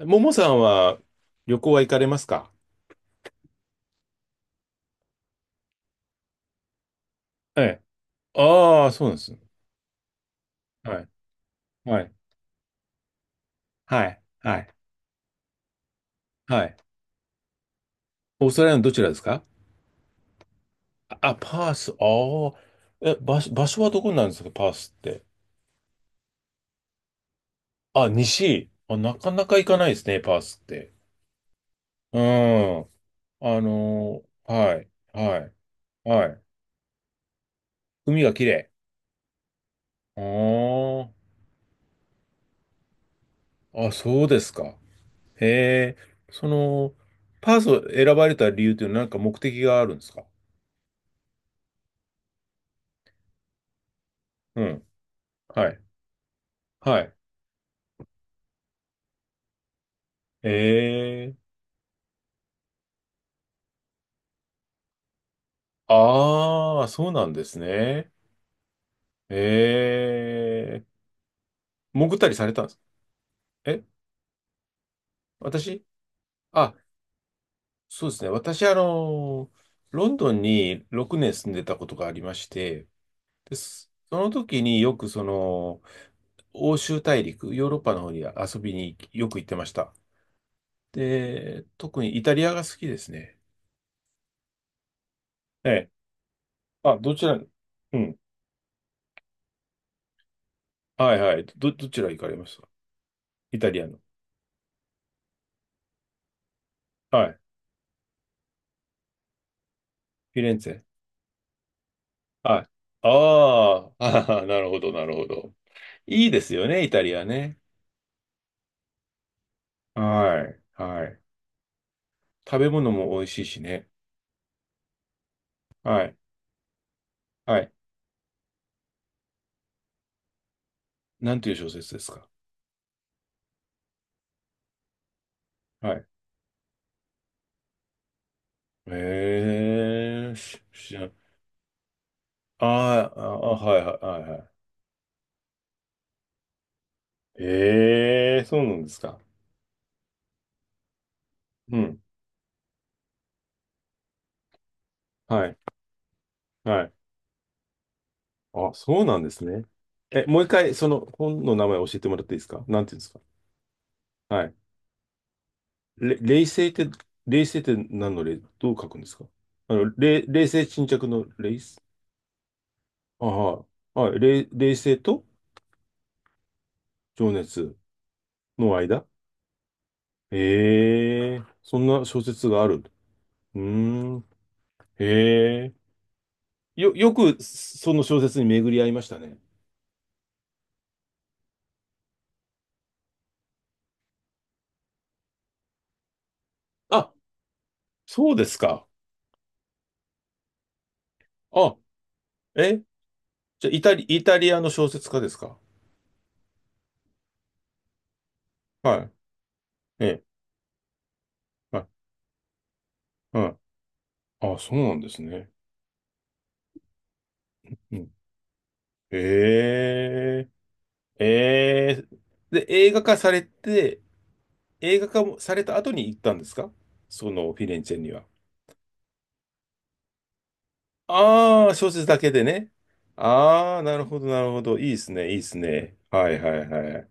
ももさんは旅行は行かれますか？ええ。ああ、そうなんです。はい。はい。はい。はい。はい。オーストラリアのどちらですか？あ、パース。ああ。え、場所はどこになるんですかパースって？あ、西。あ、なかなか行かないですね、パースって。うん。はい。はい。はい。海が綺麗。ああ。あ、そうですか？へえ。その、パースを選ばれた理由というのは何か目的があるんですか？うん。はい。はい。ええ。ああ、そうなんですね。ええ、潜ったりされたんですか？え、私。あ、そうですね。私、ロンドンに6年住んでたことがありまして、です。その時によくその、欧州大陸、ヨーロッパの方に遊びによく行ってました。で、特にイタリアが好きですね。ええ。あ、どちらに。うん。はいはい。どちら行かれました？イタリアの。はい。フィレンツェ。はい。ああ、あー なるほど、なるほど。いいですよね、イタリアね。はい、はい。食べ物も美味しいしね。はい、はい。なんていう小説ですか？はい。ええー、知らん。あーあ、ああ、はい、はい、はい。はい。ええー、そうなんですか？うん。はい、はい。あ、そうなんですね。え、もう一回、その本の名前教えてもらっていいですか、なんていうんですか？はい。冷静って、冷静って何の冷、どう書くんですか？冷静沈着の冷静。あ、はい。はい。冷静と情熱の間。ええ、そんな小説がある。うーん。へえ。よくその小説に巡り合いましたね。あ、そうですか。あ、え、じゃあイタリアの小説家ですか？はい。ええ。はい。はい。あ、そうなんですね。うん。へえ。ええ、で、映画化されて、映画化もされた後に行ったんですか、そのフィレンチェには。ああ、小説だけでね。ああ、なるほど、なるほど。いいですね、いいですね。はいはいはい。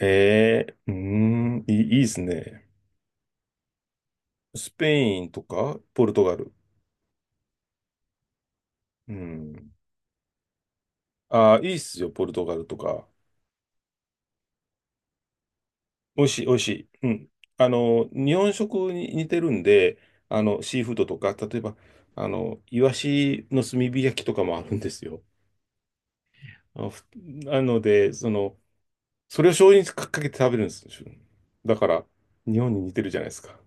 ええ、うーん、いいですね。スペインとか、ポルトガル。うん。ああ、いいっすよ、ポルトガルとか。美味しい、美味しい。うん。日本食に似てるんで、シーフードとか、例えば、イワシの炭火焼きとかもあるんですよ。あのふなので、その、それを醤油にかけて食べるんですよ。だから、日本に似てるじゃないですか。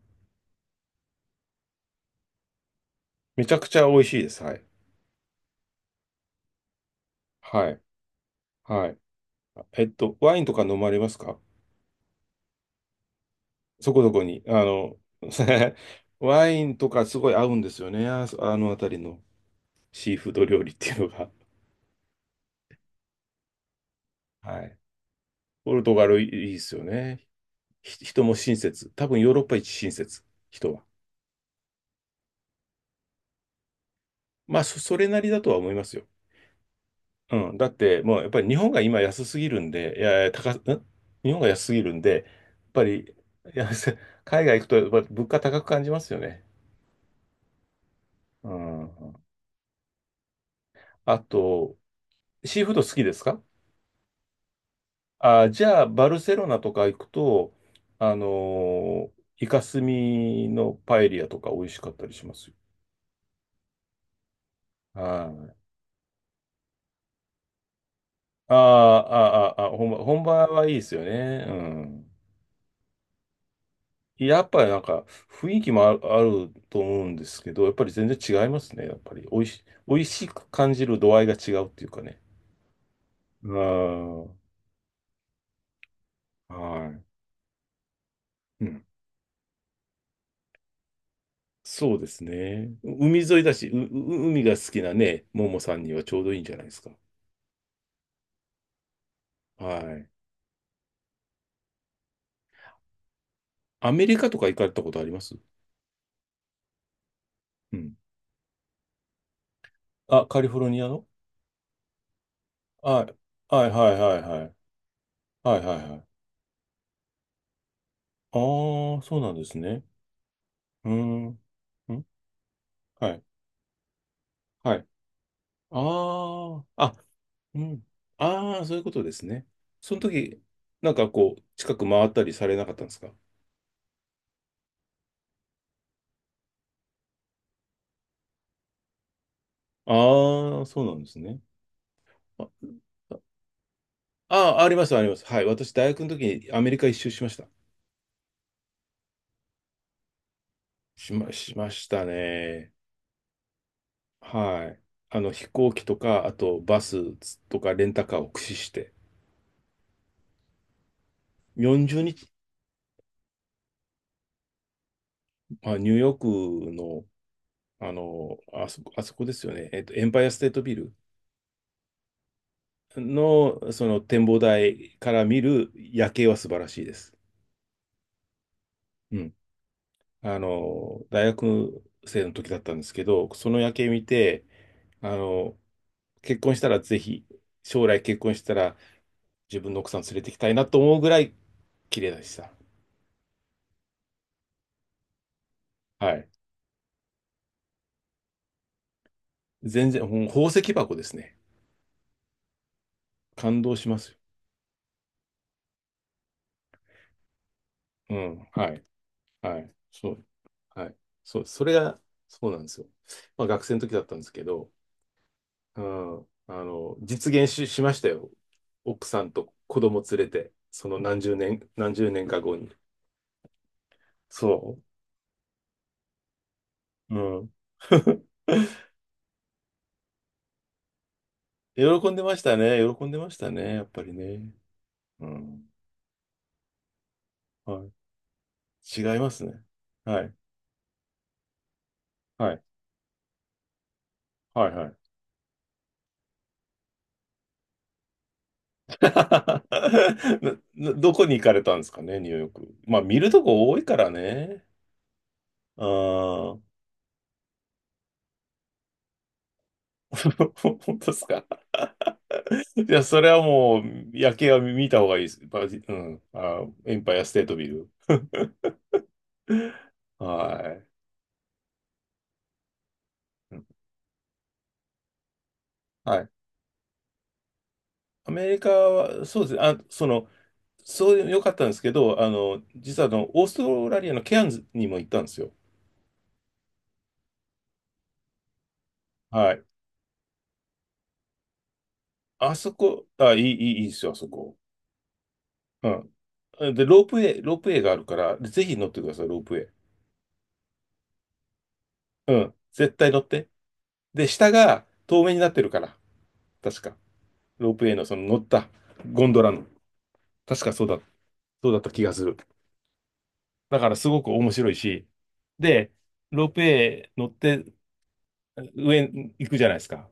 めちゃくちゃ美味しいです。はい。はい。はい。えっと、ワインとか飲まれますか？そこそこに。ワインとかすごい合うんですよね。ああの辺りのシーフード料理っていうのが。はい。ポルトガルいいですよね。人も親切。多分ヨーロッパ一親切、人は。まあ、それなりだとは思いますよ。うん。だって、もうやっぱり日本が今安すぎるんで、いやいや、高す、ん日本が安すぎるんで、やっぱり、いや、せ海外行くとやっぱり物価高く感じますよね。うん。あと、シーフード好きですか？あ、じゃあ、バルセロナとか行くと、あのーイカスミのパエリアとか美味しかったりしますよ。はい。あーあー、あーあー、本場はいいですよね。うん。やっぱりなんか雰囲気もある、あると思うんですけど、やっぱり全然違いますね。やっぱり美味しく感じる度合いが違うっていうかね。ああ、はい。うん。そうですね。う海沿いだし、う海が好きなね、ももさんにはちょうどいいんじゃないですか。はい。アメリカとか行かれたことあります？うん。あ、カリフォルニアの。はい。はいはいはいはい。はいはいはい。ああ、そうなんですね。うーん。ん、はい。はい。ああ、あ、うん。ああ、そういうことですね。その時、なんかこう、近く回ったりされなかったんですか？ああ、そうなんですね。あ、あ、あります、あります。はい。私、大学の時にアメリカ一周しました。しましたね。はい。飛行機とか、あとバスとかレンタカーを駆使して、40日、まあ、ニューヨークの、あの、あそこ、あそこですよね。エンパイアステートビルの、その展望台から見る夜景は素晴らしいです。うん。大学生の時だったんですけど、その夜景見て、あの、結婚したらぜひ、将来結婚したら自分の奥さん連れてきたいなと思うぐらい綺麗でした。はい。全然、宝石箱ですね。感動しますよ。うん。はい。はい。そう。はい。そう。それが、そうなんですよ。まあ学生の時だったんですけど、うん。あの、実現し、しましたよ。奥さんと子供連れて、その何十年、何十年か後に。そう。うん。喜んでましたね。喜んでましたね。やっぱりね。うん。はい。違いますね。はい。はい。はい。はい。どこに行かれたんですかね、ニューヨーク。まあ、見るとこ多いからね。ああ、本当ですか？いや、それはもう、夜景は見た方がいいです。うん。あ、エンパイアステートビル。はい。うん、はい。アメリカは、そうですね。あ、その、そういう良かったんですけど、あの、実はあの、オーストラリアのケアンズにも行ったんですよ。はい。あそこ、あ、いい、いい、いいですよ、あそこ。うん。で、ロープウェイがあるから、ぜひ乗ってください、ロープウェイ。絶対乗って。で、下が透明になってるから、確か。ロープウェイのその乗ったゴンドラの、確かそうだ、そうだった気がする。だからすごく面白いし、で、ロープウェイ乗って上に行くじゃないですか。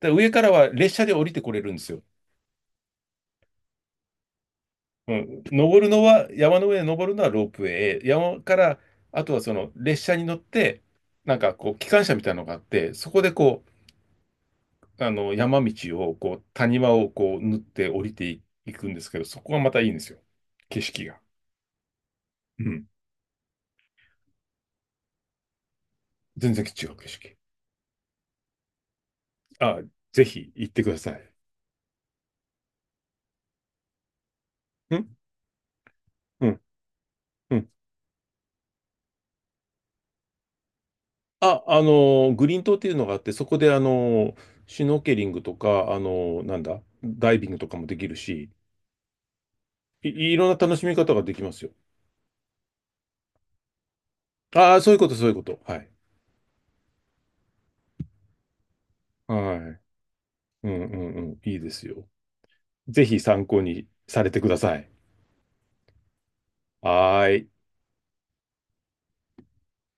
で、上からは列車で降りてこれるんですよ。うん。登るのは、山の上に登るのはロープウェイ。山から、あとはその列車に乗って、なんかこう、機関車みたいなのがあって、そこでこう、山道を、こう、谷間をこう、縫って降りていいくんですけど、そこがまたいいんですよ。景色が。うん。全然違う景色。あ、ぜひ行ってください。うんうんうん。あ、グリーン島っていうのがあって、そこで、シュノーケリングとか、あのなんだ、ダイビングとかもできるし、いろんな楽しみ方ができますよ。ああ、そういうこと、そういうこと。はい。はい。うんうんうん。いいですよ。ぜひ参考にされてください。はーい。